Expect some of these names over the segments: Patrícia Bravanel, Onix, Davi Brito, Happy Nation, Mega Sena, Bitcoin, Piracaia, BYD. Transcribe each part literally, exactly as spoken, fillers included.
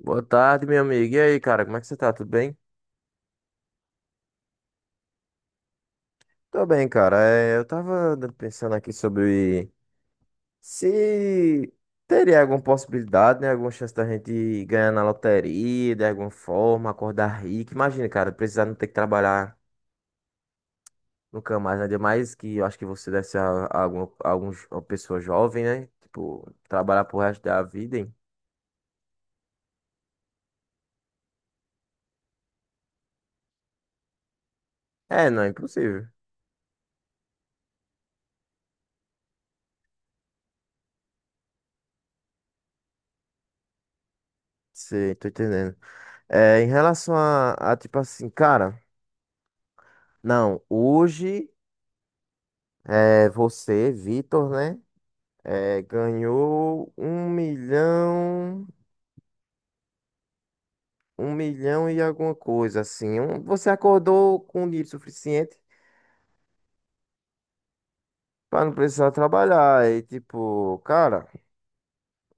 Boa tarde, meu amigo. E aí, cara, como é que você tá? Tudo bem? Tô bem, cara. É, eu tava dando- pensando aqui sobre se teria alguma possibilidade, né? Alguma chance da gente ganhar na loteria, de alguma forma, acordar rico. Imagina, cara, precisar não ter que trabalhar nunca mais, né? Ainda mais que eu acho que você deve ser a- a alguma, algum jo- uma pessoa jovem, né? Tipo, trabalhar pro resto da vida, hein? É, não, é impossível. Sei, tô entendendo. É, em relação a, a, tipo assim, cara, não, hoje. É, você, Vitor, né? É, ganhou um milhão, um milhão e alguma coisa, assim. Um- você acordou com dinheiro suficiente para não precisar trabalhar. E, tipo, cara,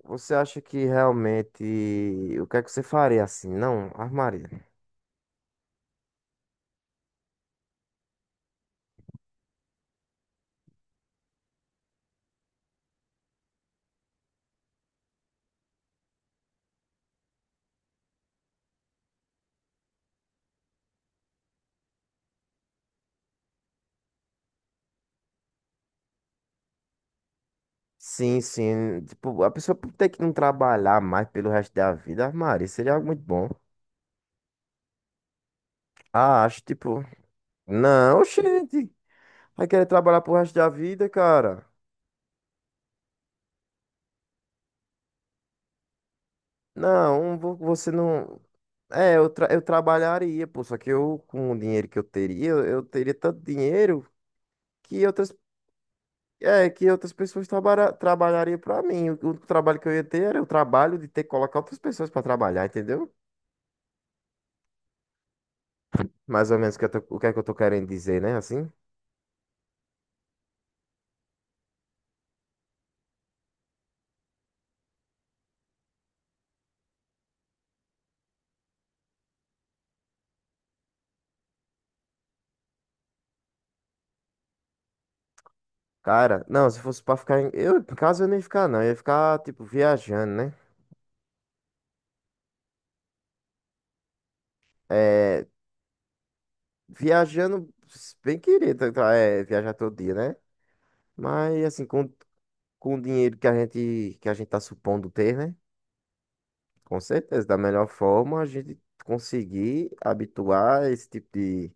você acha que realmente. O que é que você faria assim? Não, armaria. Sim, sim. Tipo, a pessoa ter que não trabalhar mais pelo resto da vida, armaria, seria algo muito bom. Ah, acho, tipo. Não, gente. Vai querer trabalhar pro resto da vida, cara. Não, vo- você não. É, eu, tra- eu trabalharia, pô, só que eu, com o dinheiro que eu teria, eu eu teria tanto dinheiro que outras, é, que outras pessoas trabalha, trabalhariam pra mim. O, o trabalho que eu ia ter era o trabalho de ter que colocar outras pessoas pra trabalhar, entendeu? Mais ou menos o que, eu tô- o que é que eu tô querendo dizer, né? Assim, cara, não, se fosse pra ficar em. Eu, em casa eu nem ia ficar, não, eu ia ficar, tipo, viajando, né? É, viajando, bem querido, é, viajar todo dia, né? Mas assim, com com o dinheiro que a gente que a gente está supondo ter, né? Com certeza, da melhor forma a gente conseguir habituar esse tipo de,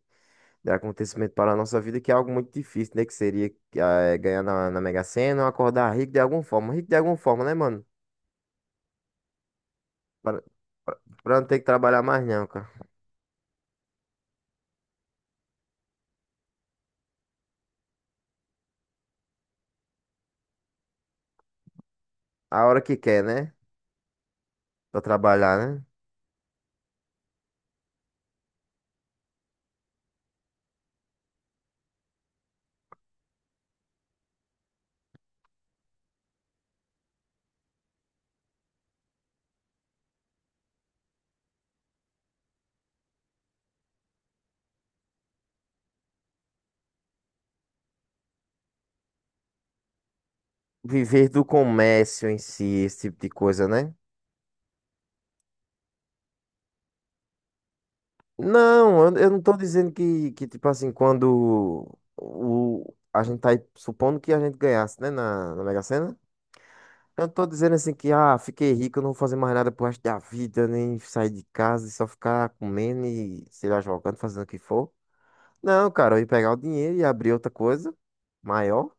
de acontecimento para a nossa vida, que é algo muito difícil, né? Que seria eh, ganhar na, na Mega Sena ou acordar rico de alguma forma. Rico de alguma forma, né, mano? Para para não ter que trabalhar mais não, cara. A hora que quer, né? Para trabalhar, né? Viver do comércio em si, esse tipo de coisa, né? Não, eu eu não tô dizendo que, que tipo assim, quando o, a gente tá aí supondo que a gente ganhasse, né, na, na Mega Sena, eu não tô dizendo assim que, ah, fiquei rico, eu não vou fazer mais nada pro resto da vida, nem sair de casa e só ficar comendo e, sei lá, jogando, fazendo o que for. Não, cara, eu ia pegar o dinheiro e abrir outra coisa maior,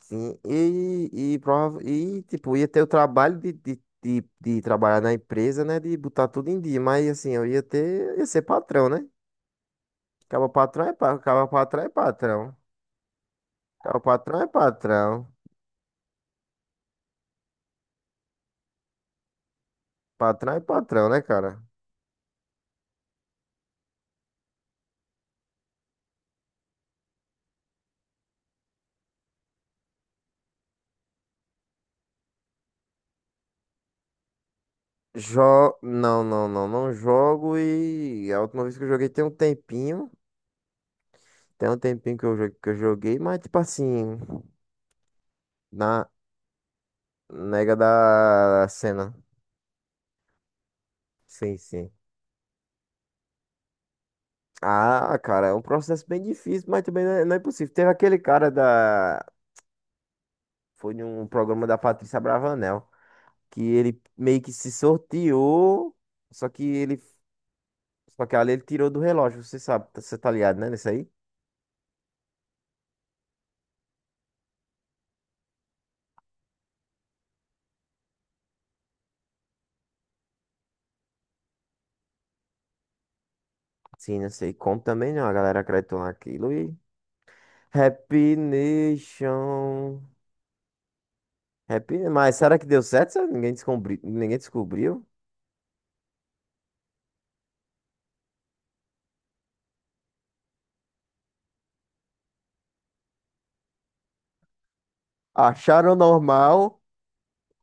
sim, e, e, prova, e tipo, ia ter o trabalho de, de, de, de trabalhar na empresa, né, de botar tudo em dia, mas assim, eu ia ter, ia ser patrão, né? Cabo patrão é, pa- cabo patrão é patrão. Cabo patrão é patrão. Patrão é patrão, né, cara? Jo... Não, não, não, não jogo e a última vez que eu joguei tem um tempinho. Tem um tempinho que eu, jo- que eu joguei, mas tipo assim, na nega da cena. Sim, sim. Ah, cara, é um processo bem difícil, mas também não é, não é impossível. Teve aquele cara da. Foi num programa da Patrícia Bravanel, que ele meio que se sorteou, só que ele Só que ali ele tirou do relógio, você sabe, você tá ligado, né? Nesse aí? Sim, não sei como também não. A galera acreditou naquilo e. Happy Nation. Happy... Mas será que deu certo? Será que Ninguém descobri... Ninguém descobriu. Acharam normal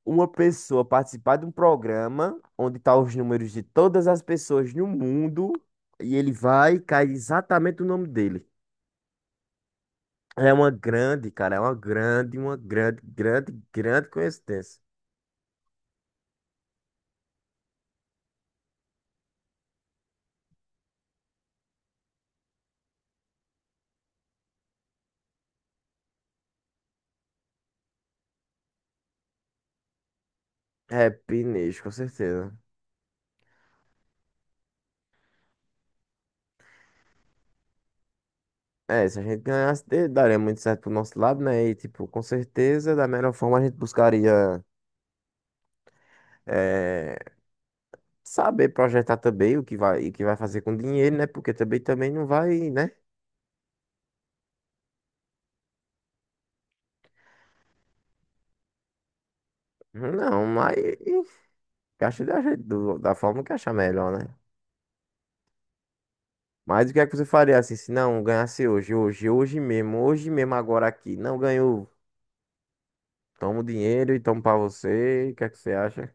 uma pessoa participar de um programa onde tá os números de todas as pessoas no mundo e ele vai e cai exatamente o nome dele. É uma grande, cara, é uma grande, uma grande, grande, grande coincidência. Happy Nation, com certeza. É, se a gente ganhasse, de- daria muito certo pro nosso lado, né? E, tipo, com certeza, da melhor forma, a gente buscaria eh, saber projetar também o que vai, o que vai fazer com dinheiro, né? Porque também, também não vai, né? Não, mas gasta da, gente- do- da forma que achar melhor, né? Mas o que é que você faria assim, se não ganhasse hoje, hoje, hoje mesmo, hoje mesmo, agora aqui? Não ganhou, toma o dinheiro e toma pra você. O que é que você acha?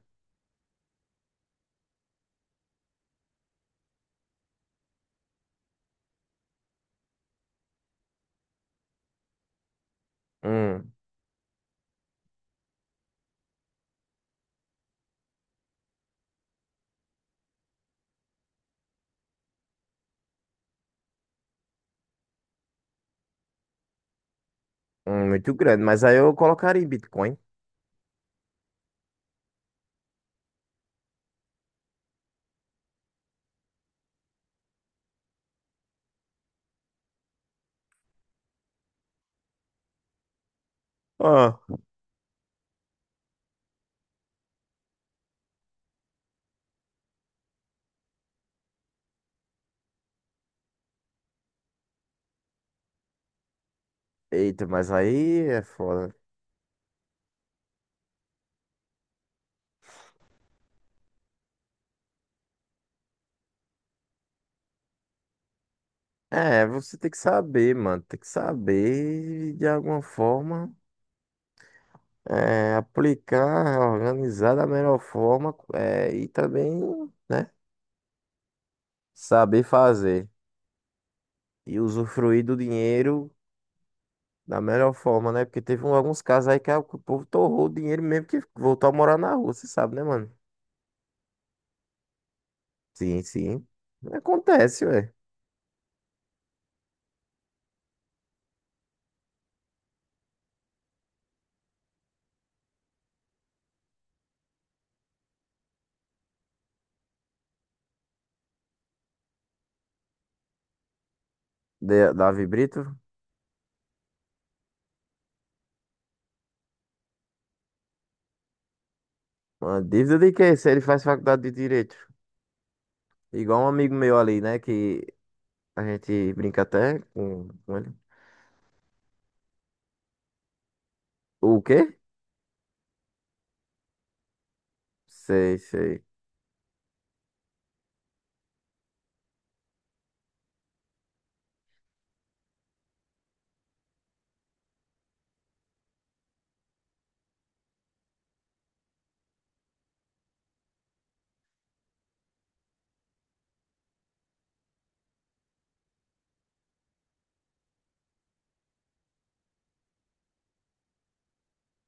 Hum, hum, muito grande, mas aí eu colocaria em Bitcoin. Ah. Eita, mas aí é foda. É, você tem que saber, mano. Tem que saber de alguma forma é, aplicar, organizar da melhor forma é, e também, né, saber fazer e usufruir do dinheiro da melhor forma, né? Porque teve um- alguns casos aí que a- o povo torrou o dinheiro mesmo que voltou a morar na rua, você sabe, né, mano? Sim, sim. Acontece, ué. De- Davi Brito, uma dívida de quê? Se ele faz faculdade de direito. Igual um amigo meu ali, né? Que a gente brinca até com, com ele. O quê? Sei, sei.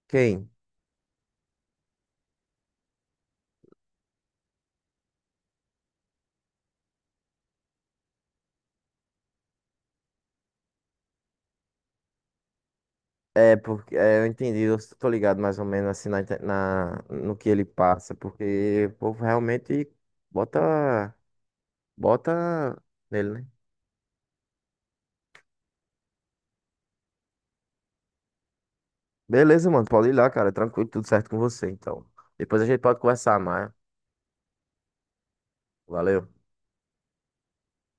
Quem? É, porque é, eu entendi, eu tô ligado mais ou menos assim na, inte- na- no que ele passa, porque o povo realmente bota, bota nele, né? Beleza, mano, pode ir lá, cara, tranquilo, tudo certo com você, então. Depois a gente pode conversar mais. Valeu.